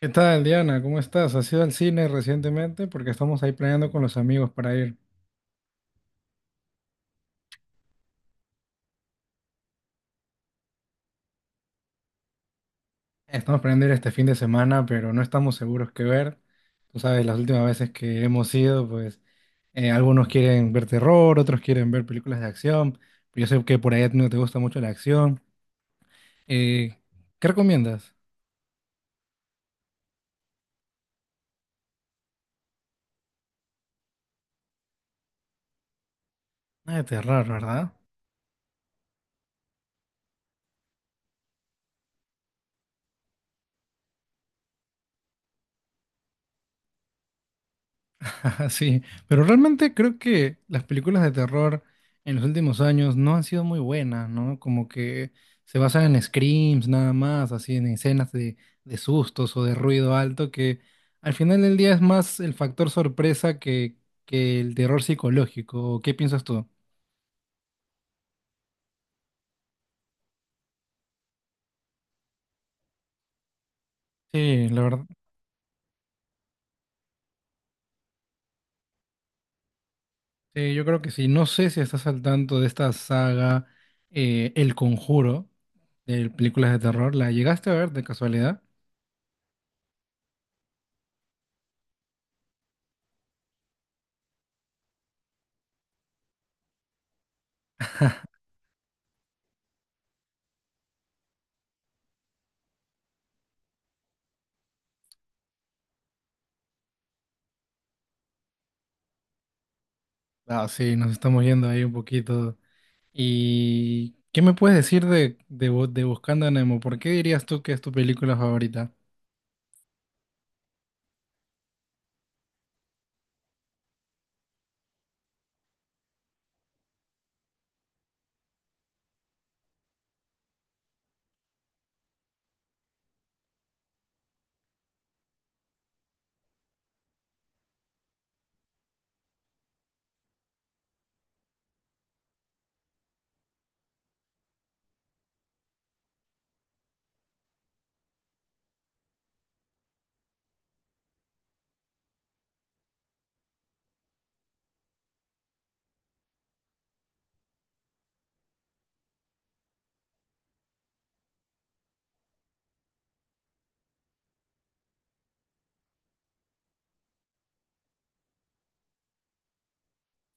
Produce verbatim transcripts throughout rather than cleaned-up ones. ¿Qué tal, Diana? ¿Cómo estás? ¿Has ido al cine recientemente? Porque estamos ahí planeando con los amigos para ir. Estamos planeando ir este fin de semana, pero no estamos seguros qué ver. Tú sabes, las últimas veces que hemos ido, pues eh, algunos quieren ver terror, otros quieren ver películas de acción. Pero yo sé que por ahí a ti no te gusta mucho la acción. Eh, ¿qué recomiendas? Nada de terror, ¿verdad? Ajá, sí, pero realmente creo que las películas de terror en los últimos años no han sido muy buenas, ¿no? Como que se basan en screams nada más, así en escenas de, de sustos o de ruido alto, que al final del día es más el factor sorpresa que, que el terror psicológico. ¿O ¿Qué piensas tú? Sí, la verdad. Sí, yo creo que sí. No sé si estás al tanto de esta saga, eh, El Conjuro, de películas de terror. ¿La llegaste a ver de casualidad? Ah, sí, nos estamos yendo ahí un poquito. ¿Y qué me puedes decir de, de, Bu- de Buscando a Nemo? ¿Por qué dirías tú que es tu película favorita?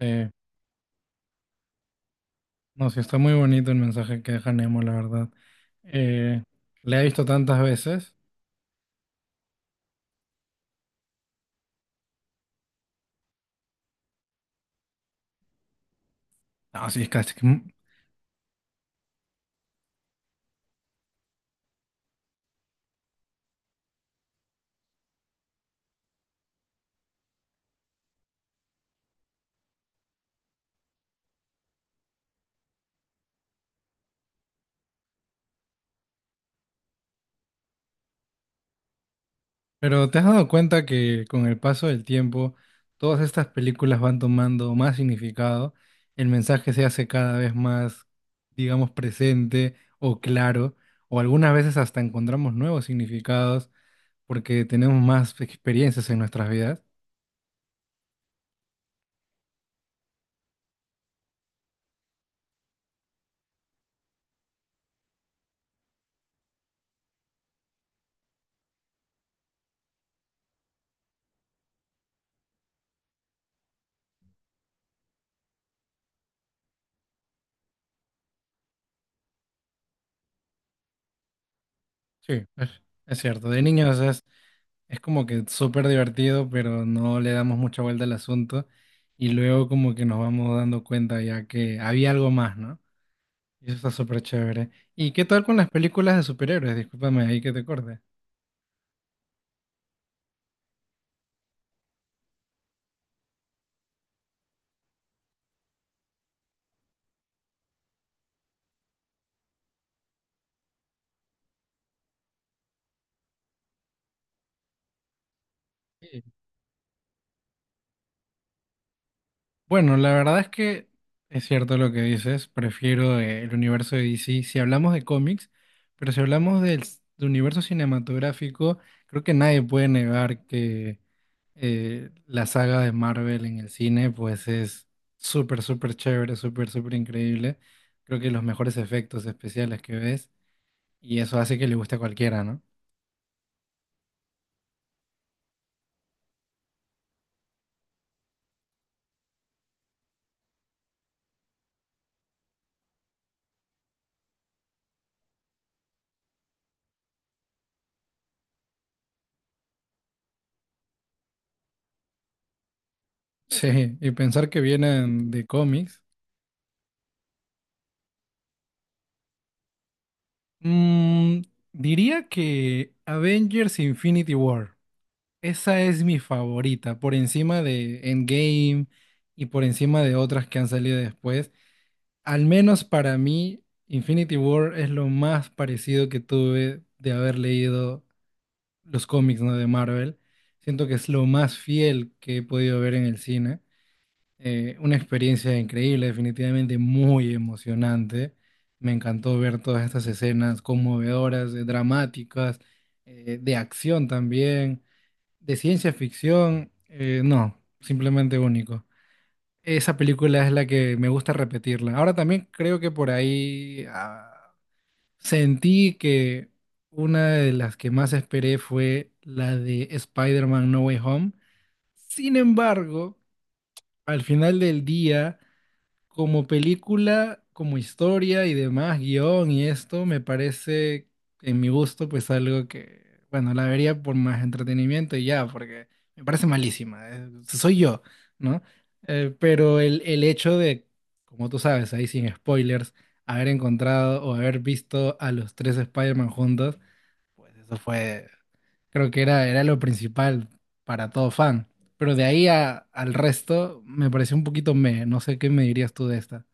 Eh, no, sí, está muy bonito el mensaje que deja Nemo, la verdad. Eh, la he visto tantas veces. No, sí, es casi. que- Pero ¿te has dado cuenta que con el paso del tiempo todas estas películas van tomando más significado? El mensaje se hace cada vez más, digamos, presente o claro, o algunas veces hasta encontramos nuevos significados, porque tenemos más experiencias en nuestras vidas. Sí, es, es cierto. De niños es, es como que súper divertido, pero no le damos mucha vuelta al asunto. Y luego como que nos vamos dando cuenta ya que había algo más, ¿no? Y eso está súper chévere. ¿Y qué tal con las películas de superhéroes? Discúlpame ahí que te corte. Sí. Bueno, la verdad es que es cierto lo que dices. Prefiero eh, el universo de D C si hablamos de cómics, pero si hablamos del s- del universo cinematográfico, creo que nadie puede negar que eh, la saga de Marvel en el cine, pues es súper, súper chévere, súper, súper increíble. Creo que los mejores efectos especiales que ves, y eso hace que le guste a cualquiera, ¿no? Sí, y pensar que vienen de cómics. Mm, diría que Avengers Infinity War. Esa es mi favorita, por encima de Endgame y por encima de otras que han salido después. Al menos para mí, Infinity War es lo más parecido que tuve de haber leído los cómics, ¿no? De Marvel. Siento que es lo más fiel que he podido ver en el cine. Eh, una experiencia increíble, definitivamente muy emocionante. Me encantó ver todas estas escenas conmovedoras, eh, dramáticas, eh, de acción también, de ciencia ficción. Eh, no, simplemente único. Esa película es la que me gusta repetirla. Ahora también creo que por ahí ah, sentí que una de las que más esperé fue la de Spider-Man No Way Home. Sin embargo, al final del día... Como película, como historia y demás, guión y esto, me parece, en mi gusto, pues algo que, bueno, la vería por más entretenimiento y ya, porque me parece malísima, eh, soy yo, ¿no? Eh, pero el, el hecho de, como tú sabes, ahí sin spoilers, haber encontrado o haber visto a los tres Spider-Man juntos, pues eso fue, creo que era, era lo principal para todo fan. Pero de ahí a- al resto, me pareció un poquito meh, no sé qué me dirías tú de esta.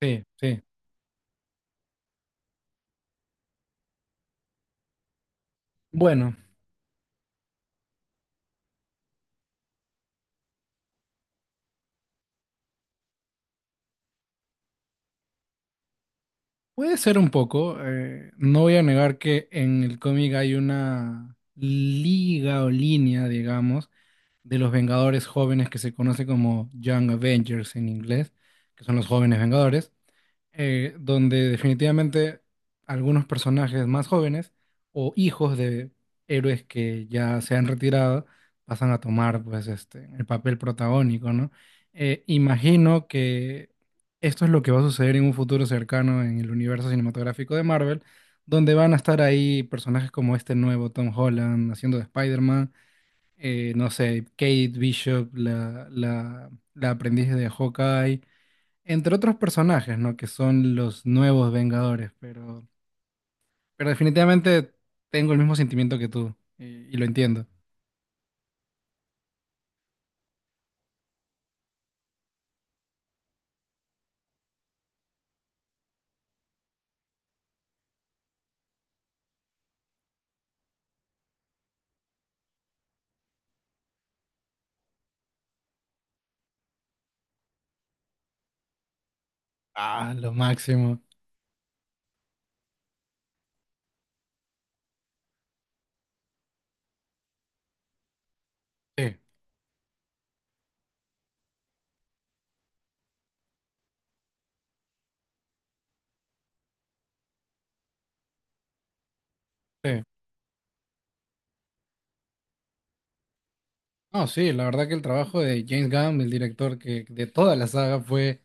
Sí, sí. Bueno, puede ser un poco. Eh, no voy a negar que en el cómic hay una liga o línea, digamos, de los Vengadores jóvenes que se conoce como Young Avengers en inglés, que son los jóvenes Vengadores. Eh, donde definitivamente algunos personajes más jóvenes o hijos de héroes que ya se han retirado pasan a tomar pues este el papel protagónico, ¿no? Eh, imagino que esto es lo que va a suceder en un futuro cercano en el universo cinematográfico de Marvel, donde van a estar ahí personajes como este nuevo Tom Holland haciendo de Spider-Man, eh, no sé, Kate Bishop, la, la, la aprendiz de Hawkeye entre otros personajes, ¿no? Que son los nuevos Vengadores, pero, pero definitivamente tengo el mismo sentimiento que tú y, y lo entiendo. Ah, lo máximo. Sí, sí. No, sí, la verdad que el trabajo de James Gunn, el director que de toda la saga, fue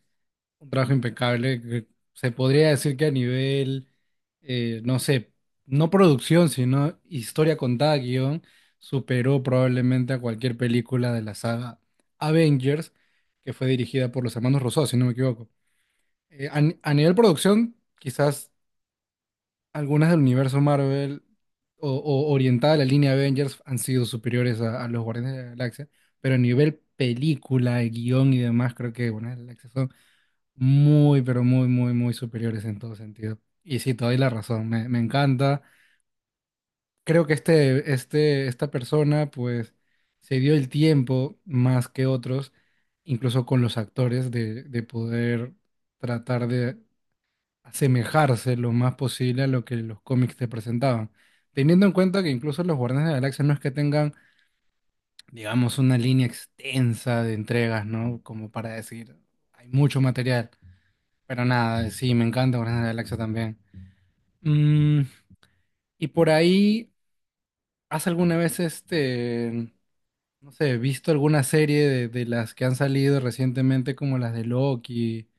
un trabajo impecable. Que se podría decir que a nivel, eh, no sé, no producción, sino historia contada, guión, superó probablemente a cualquier película de la saga Avengers, que fue dirigida por los hermanos Rousseau, si no me equivoco. Eh, a, ni- a nivel producción, quizás algunas del universo Marvel o, o orientada a la línea Avengers han sido superiores a, a los Guardianes de la Galaxia, pero a nivel película, guión y demás, creo que bueno, muy, pero muy, muy, muy superiores en todo sentido. Y sí, te doy la razón, me, me encanta. Creo que este, este, esta persona, pues, se dio el tiempo más que otros, incluso con los actores, de, de poder tratar de asemejarse lo más posible a lo que los cómics te presentaban. Teniendo en cuenta que incluso los Guardianes de la Galaxia no es que tengan, digamos, una línea extensa de entregas, ¿no? Como para decir, hay mucho material. Pero nada, sí, me encanta Guardianes de la Galaxia también. Mm, y por ahí, ¿has alguna vez este, no sé, visto alguna serie de, de las que han salido recientemente como las de Loki?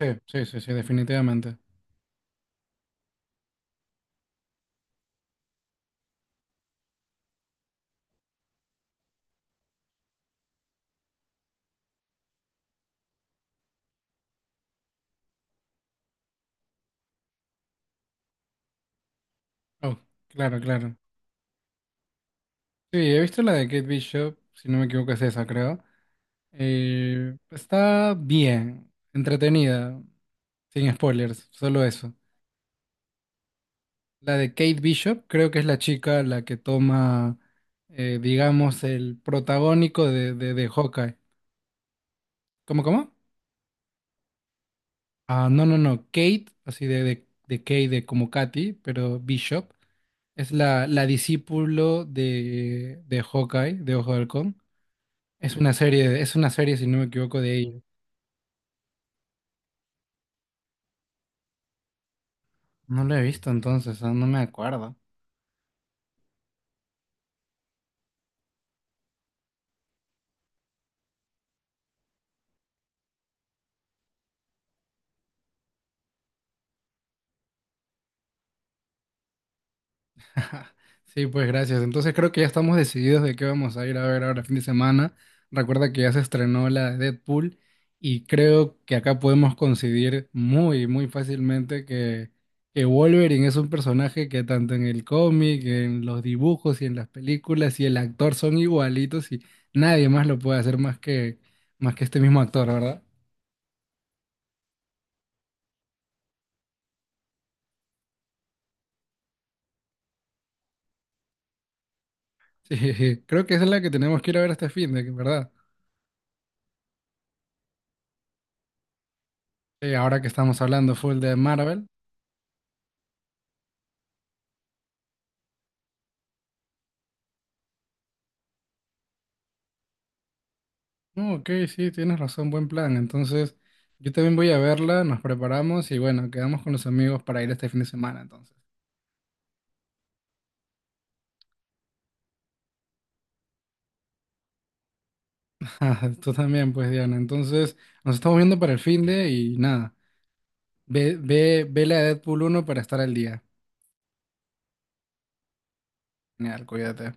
Sí, sí, sí, sí, definitivamente. Oh, claro, claro. Sí, he visto la de Kate Bishop, si no me equivoco es esa, creo. Eh, está bien, entretenida, sin spoilers, solo eso. La de Kate Bishop, creo que es la chica la que toma, eh, digamos, el protagónico de, de, de Hawkeye. ¿Cómo, cómo? Ah, no, no, no. Kate, así de, de, de Kate, de como Katy, pero Bishop, es la, la discípulo de, de Hawkeye, de Ojo de Halcón. Es una serie, es una serie, si no me equivoco, de ella. No la he visto entonces, ah, no me acuerdo. Sí, pues gracias. Entonces creo que ya estamos decididos de qué vamos a ir a ver ahora fin de semana. Recuerda que ya se estrenó la de Deadpool y creo que acá podemos coincidir muy, muy fácilmente que, que Wolverine es un personaje que tanto en el cómic, en los dibujos y en las películas y el actor son igualitos y nadie más lo puede hacer más que, más que este mismo actor, ¿verdad? Sí, creo que esa es la que tenemos que ir a ver este fin de, ¿verdad? Sí, ahora que estamos hablando full de Marvel. No, ok, sí, tienes razón, buen plan. Entonces, yo también voy a verla, nos preparamos y bueno, quedamos con los amigos para ir este fin de semana, entonces. Ah, tú también, pues, Diana. Entonces, nos estamos viendo para el fin de y nada, ve, ve, vele a Deadpool uno para estar al día. Genial, cuídate.